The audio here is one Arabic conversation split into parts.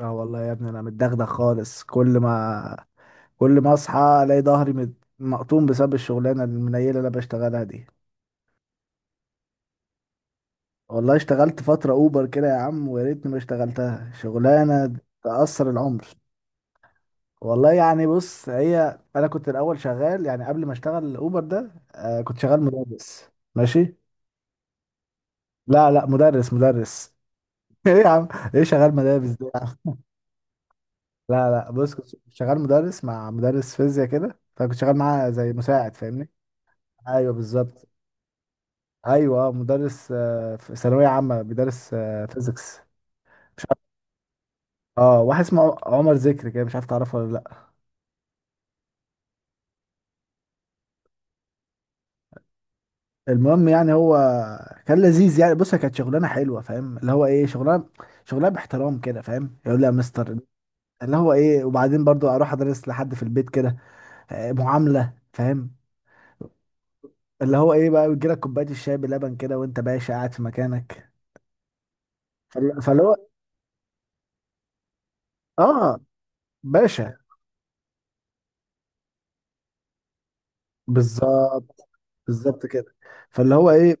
اه، والله يا ابني، انا متدغدغ خالص. كل ما اصحى الاقي ظهري مقطوم بسبب الشغلانه المنيله اللي انا بشتغلها دي. والله اشتغلت فتره اوبر كده يا عم، ويا ريتني ما اشتغلتها. شغلانه تأثر العمر. والله يعني بص، هي انا كنت الاول شغال، يعني قبل ما اشتغل اوبر ده، كنت شغال مدرس. ماشي. لا، لا، مدرس، مدرس. ايه يا عم؟ ايه شغال مدارس ده يا عم؟ لا، لا، بص، كنت شغال مدرس مع مدرس فيزياء كده، فكنت شغال معاه زي مساعد، فاهمني. ايوه، بالظبط. ايوه، مدرس، في ثانويه عامه بيدرس فيزيكس. اه، واحد اسمه عمر ذكري كده، مش عارف تعرفه ولا لا. المهم يعني، هو كان لذيذ، يعني بص، هي كانت شغلانه حلوه، فاهم اللي هو ايه، شغلانه، شغلانه باحترام كده، فاهم، يقول لي يا مستر. اللي هو ايه، وبعدين برضو اروح ادرس لحد في البيت كده، معامله، فاهم. اللي هو ايه بقى، بيجي لك كوبايه الشاي بلبن كده وانت باشا قاعد في مكانك. فاللي هو، اه، باشا، بالظبط، بالظبط كده. فاللي هو ايه،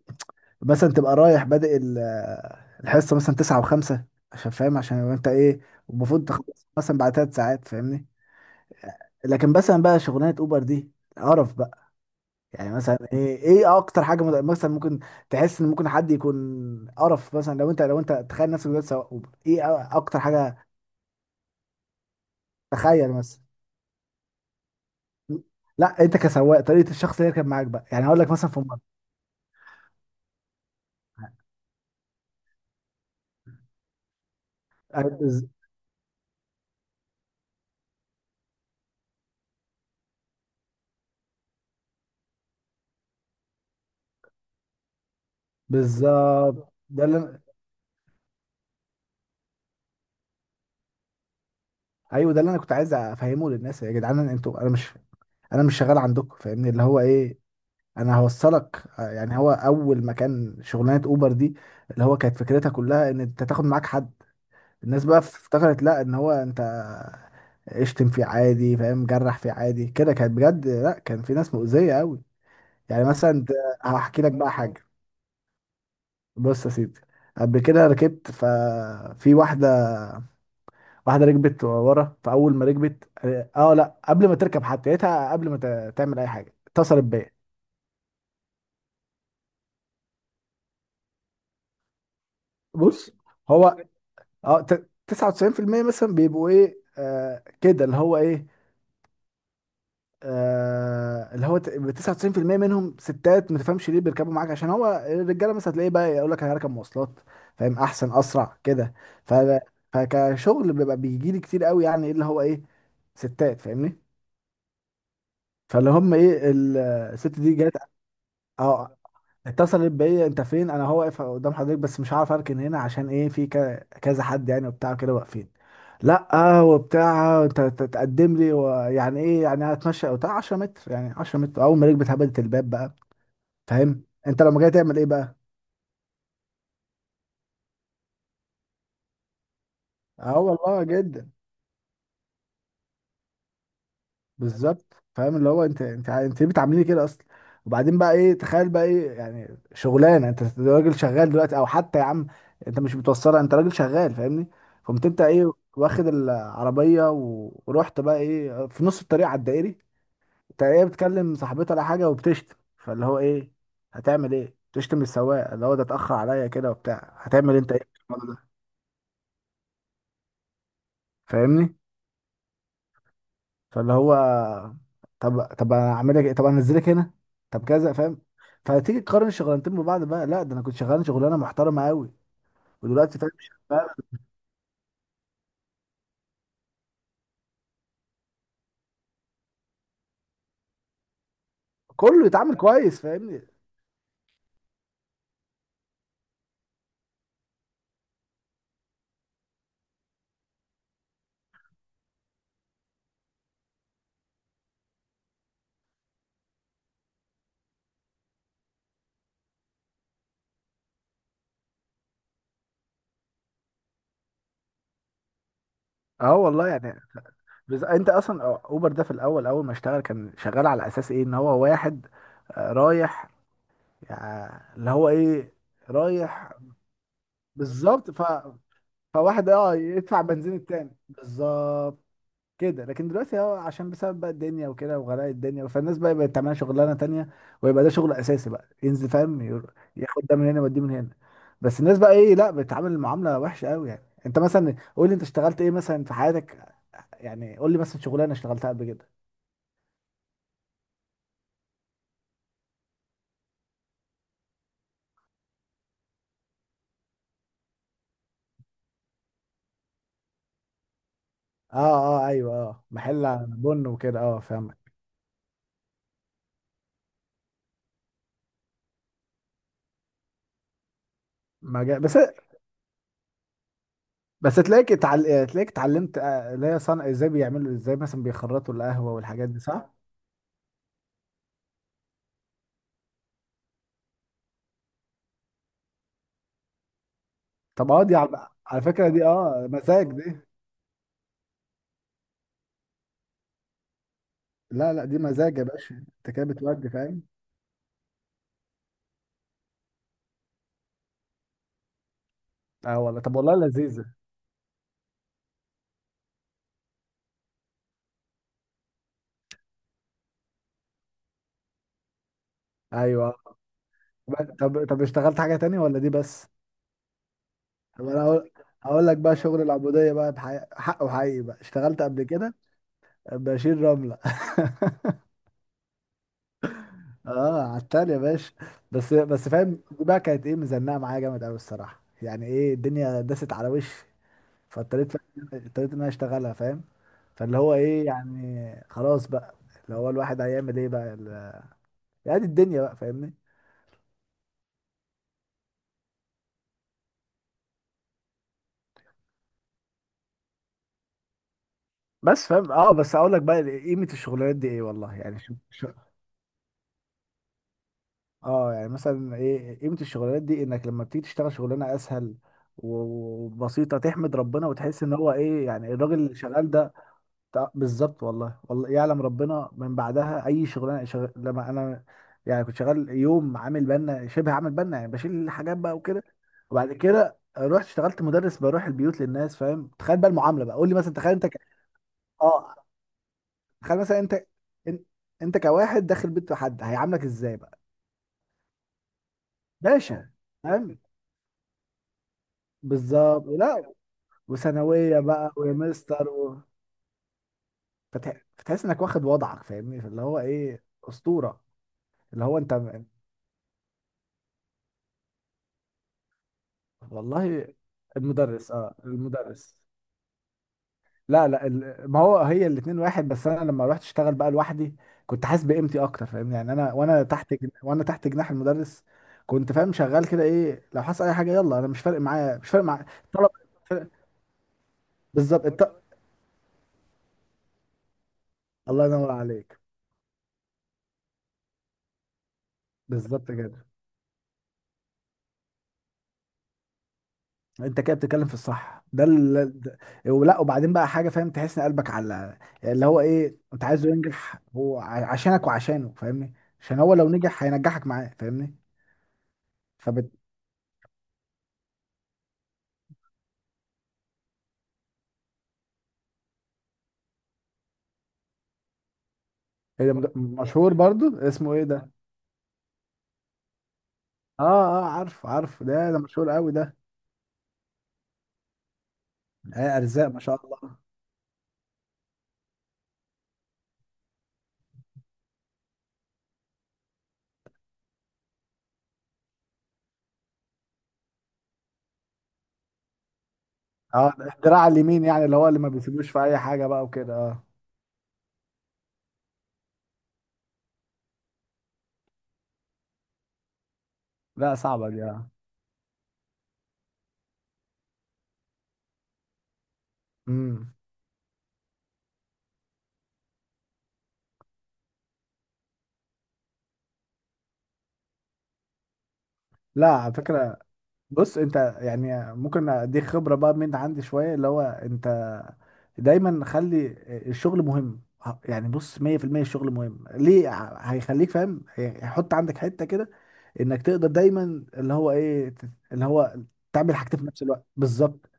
مثلا تبقى رايح بادئ الحصه مثلا تسعة وخمسة، عشان فاهم، عشان لو انت ايه، المفروض تخلص مثلا بعد 3 ساعات، فاهمني. لكن مثلا بقى، شغلانه اوبر دي قرف بقى. يعني مثلا، ايه اكتر حاجه مثلا ممكن تحس ان ممكن حد يكون قرف، مثلا لو انت تخيل نفسك دلوقتي سواق اوبر، ايه اكتر حاجه، تخيل مثلا. لا انت كسواق، طريقه الشخص اللي يركب معاك بقى، يعني هقول لك مثلا في مره. أنا بز- بالظبط. ايوه ده اللي انا كنت عايز افهمه للناس، يا جدعان انتوا، انا مش شغال عندكم، فاهمني اللي هو ايه. انا هوصلك. يعني هو اول ما كان شغلانه اوبر دي، اللي هو كانت فكرتها كلها ان انت تاخد معاك حد. الناس بقى افتكرت، لا ان هو انت اشتم فيه عادي فاهم، جرح فيه عادي كده، كانت بجد لا، كان في ناس مؤذيه قوي. يعني مثلا هحكي لك بقى حاجه. بص يا سيدي، قبل كده ركبت ففي واحده. واحده ركبت ورا، فاول ما ركبت، اه لا، قبل ما تركب حتى، لقيتها قبل ما تعمل اي حاجه اتصلت بيا. بص هو، 99% مثلا بيبقوا ايه، كده اللي هو ايه، اللي هو 99% منهم ستات، ما تفهمش ليه بيركبوا معاك، عشان هو الرجاله مثلا هتلاقيه بقى يقول لك انا هركب مواصلات، فاهم، احسن، اسرع كده. ف فكشغل بيبقى بيجي لي كتير قوي، يعني ايه اللي هو ايه، ستات، فاهمني. فاللي هم ايه، الست دي جت. اه، اتصلت بيا، انت فين؟ انا هو واقف قدام حضرتك بس مش عارف اركن هنا، عشان ايه، في كذا حد يعني وبتاع كده واقفين. لا وبتاع انت تقدم لي، ويعني ايه، يعني هتمشى او بتاع 10 متر، يعني 10 متر، اول ما رجلي اتهبدت الباب بقى، فاهم انت لما جاي تعمل ايه بقى؟ اه والله جدا. بالظبط. فاهم اللي هو انت ليه بتعامليني كده اصلا؟ وبعدين بقى ايه، تخيل بقى ايه، يعني شغلانه، انت راجل شغال دلوقتي، او حتى يا عم انت مش متوصله، انت راجل شغال، فاهمني. قمت انت ايه، واخد العربيه ورحت بقى ايه في نص الطريق على الدائري، انت ايه، بتكلم صاحبتها ولا حاجه وبتشتم، فاللي هو ايه، هتعمل ايه، بتشتم السواق اللي هو ده اتاخر عليا كده وبتاع، هتعمل انت ايه في الموضوع ده؟ فاهمني. فاللي هو طب، طب، انا اعمل لك إيه؟ طب انا انزلك هنا، طب كذا، فاهم. فتيجي تقارن الشغلانتين ببعض بقى، لا ده انا كنت شغال شغلانه محترمه قوي، ودلوقتي فاهم شغال، كله يتعامل كويس، فاهمني. اه والله يعني، انت اصلا اوبر ده في الاول، اول ما اشتغل كان شغال على اساس ايه، ان هو واحد رايح، يعني اللي هو ايه، رايح. بالظبط. فواحد يدفع بنزين التاني. بالظبط كده. لكن دلوقتي هو عشان بسبب بقى الدنيا وكده وغلاء الدنيا، فالناس بقى بقت تعمل شغلانه تانية، ويبقى ده شغل اساسي بقى ينزل فاهم، ياخد ده من هنا ويوديه من هنا. بس الناس بقى ايه لا، بتتعامل معامله وحشه قوي، يعني انت مثلا قول لي، انت اشتغلت ايه مثلا في حياتك، يعني قول لي مثلا شغلانه اشتغلتها قبل كده. اه، اه، ايوه، اه، محل بن وكده، اه، فاهمك. مجال بس. تلاقيك اتعلمت، اللي هي صنع ازاي، بيعملوا ازاي مثلا بيخرطوا القهوه والحاجات دي، صح؟ طب اه دي على فكره، دي اه مزاج دي. لا، لا، دي مزاج يا باشا، انت كده بتودي، فاهم. اه والله. طب والله لذيذة. ايوه، طب، طب، اشتغلت حاجة تانية ولا دي بس؟ طب انا هقول لك بقى، شغل العبودية بقى بحق حق وحقيقي بقى، اشتغلت قبل كده، بشيل رملة. اه، عتال يا باشا. بس فاهم، دي بقى كانت ايه، مزنقة معايا جامد قوي الصراحة، يعني ايه، الدنيا داست على وشي. فاضطريت، اضطريت ان انا اشتغلها، فاهم. فاللي هو ايه، يعني خلاص بقى، اللي هو الواحد هيعمل ايه بقى يعني، دي الدنيا بقى، فاهمني. بس فاهم. اه، بس اقول لك بقى قيمه الشغلانات دي ايه والله، يعني شوف اه يعني مثلا ايه قيمه الشغلانات دي، انك لما بتيجي تشتغل شغلانه اسهل وبسيطه، تحمد ربنا وتحس ان هو ايه، يعني الراجل اللي شغال ده. بالظبط. والله والله يعلم ربنا، من بعدها اي شغلانه شغل لما انا، يعني كنت شغال يوم عامل بنا، شبه عامل بنا، يعني بشيل الحاجات بقى وكده. وبعد كده رحت اشتغلت مدرس بروح البيوت للناس، فاهم، تخيل بقى المعامله بقى، قول لي مثلا، تخيل انت اه تخيل مثلا انت، ان- انت كواحد داخل بيت حد هيعاملك ازاي بقى؟ باشا، فاهم. بالظبط لا. وثانويه بقى، ويا مستر فتحس انك واخد وضعك، فاهمني اللي هو ايه، اسطوره، اللي هو انت والله المدرس، المدرس. لا، لا، ما هو هي الاتنين واحد، بس انا لما رحت اشتغل بقى لوحدي، كنت حاسس بقيمتي اكتر، فاهمني، يعني انا، وانا تحت جناح المدرس، كنت فاهم شغال كده، ايه لو حصل اي حاجه، يلا، انا مش فارق معايا، مش فارق معايا الطلبه. بالظبط. انت الله ينور عليك. بالظبط كده. انت كده بتتكلم في الصح. ولا وبعدين بقى حاجه فاهم، تحس ان قلبك على اللي هو ايه، انت عايزه ينجح، هو عشانك وعشانه، فاهمني. عشان هو لو نجح هينجحك معاه، فاهمني. فبت... إيه ده، مشهور برضو؟ اسمه ايه ده؟ اه، اه، عارف، عارف، ده ده مشهور قوي ده. ارزاق ما شاء الله. اه، ده الدراع اليمين، يعني اللي ما بيسيبوش في اي حاجه بقى وكده، اه. لا صعبه دي، اه. امم. لا على فكره، بص انت يعني ممكن اديك خبره بقى من عندي شويه، اللي هو انت، دايما خلي الشغل مهم، يعني بص 100% الشغل مهم، ليه هيخليك فاهم، هيحط عندك حته كده، انك تقدر دايما اللي هو ايه، اللي هو تعمل حاجتين في نفس الوقت. بالظبط.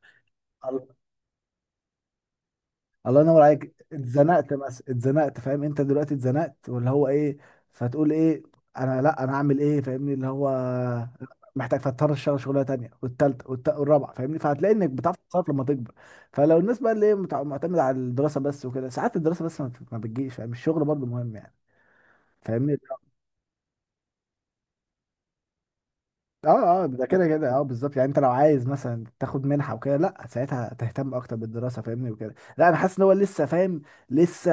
الله ينور عليك. اتزنقت بس، اتزنقت فاهم، انت دلوقتي اتزنقت، واللي هو ايه، فتقول ايه، انا لا انا اعمل ايه، فاهمني اللي هو، محتاج فاضطر اشتغل شغلانه تانيه والتالتة والرابعه، فاهمني، فهتلاقي انك بتعرف تتصرف لما تكبر. فلو الناس بقى اللي هي معتمده على الدراسه بس وكده، ساعات الدراسه بس ما بتجيش، فاهم الشغل برضه مهم يعني، فاهمني. اه، اه، ده كده كده، اه بالظبط، يعني انت لو عايز مثلا تاخد منحه وكده، لا ساعتها تهتم اكتر بالدراسه فاهمني، وكده لا انا حاسس ان هو لسه فاهم، لسه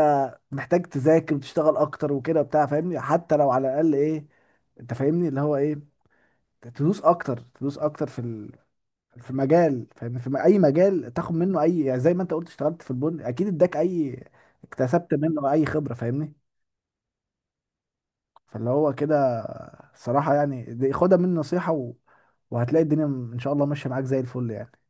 محتاج تذاكر وتشتغل اكتر وكده بتاع، فاهمني، حتى لو على الاقل ايه، انت فاهمني اللي هو ايه، تدوس اكتر، تدوس اكتر في في مجال، فاهمني، في اي مجال، تاخد منه اي يعني، زي ما انت قلت اشتغلت في البن، اكيد اداك اي، اكتسبت منه اي خبره، فاهمني. فاللي هو كده، الصراحة يعني دي خدها مني نصيحة وهتلاقي الدنيا إن شاء الله ماشية معاك زي الفل يعني.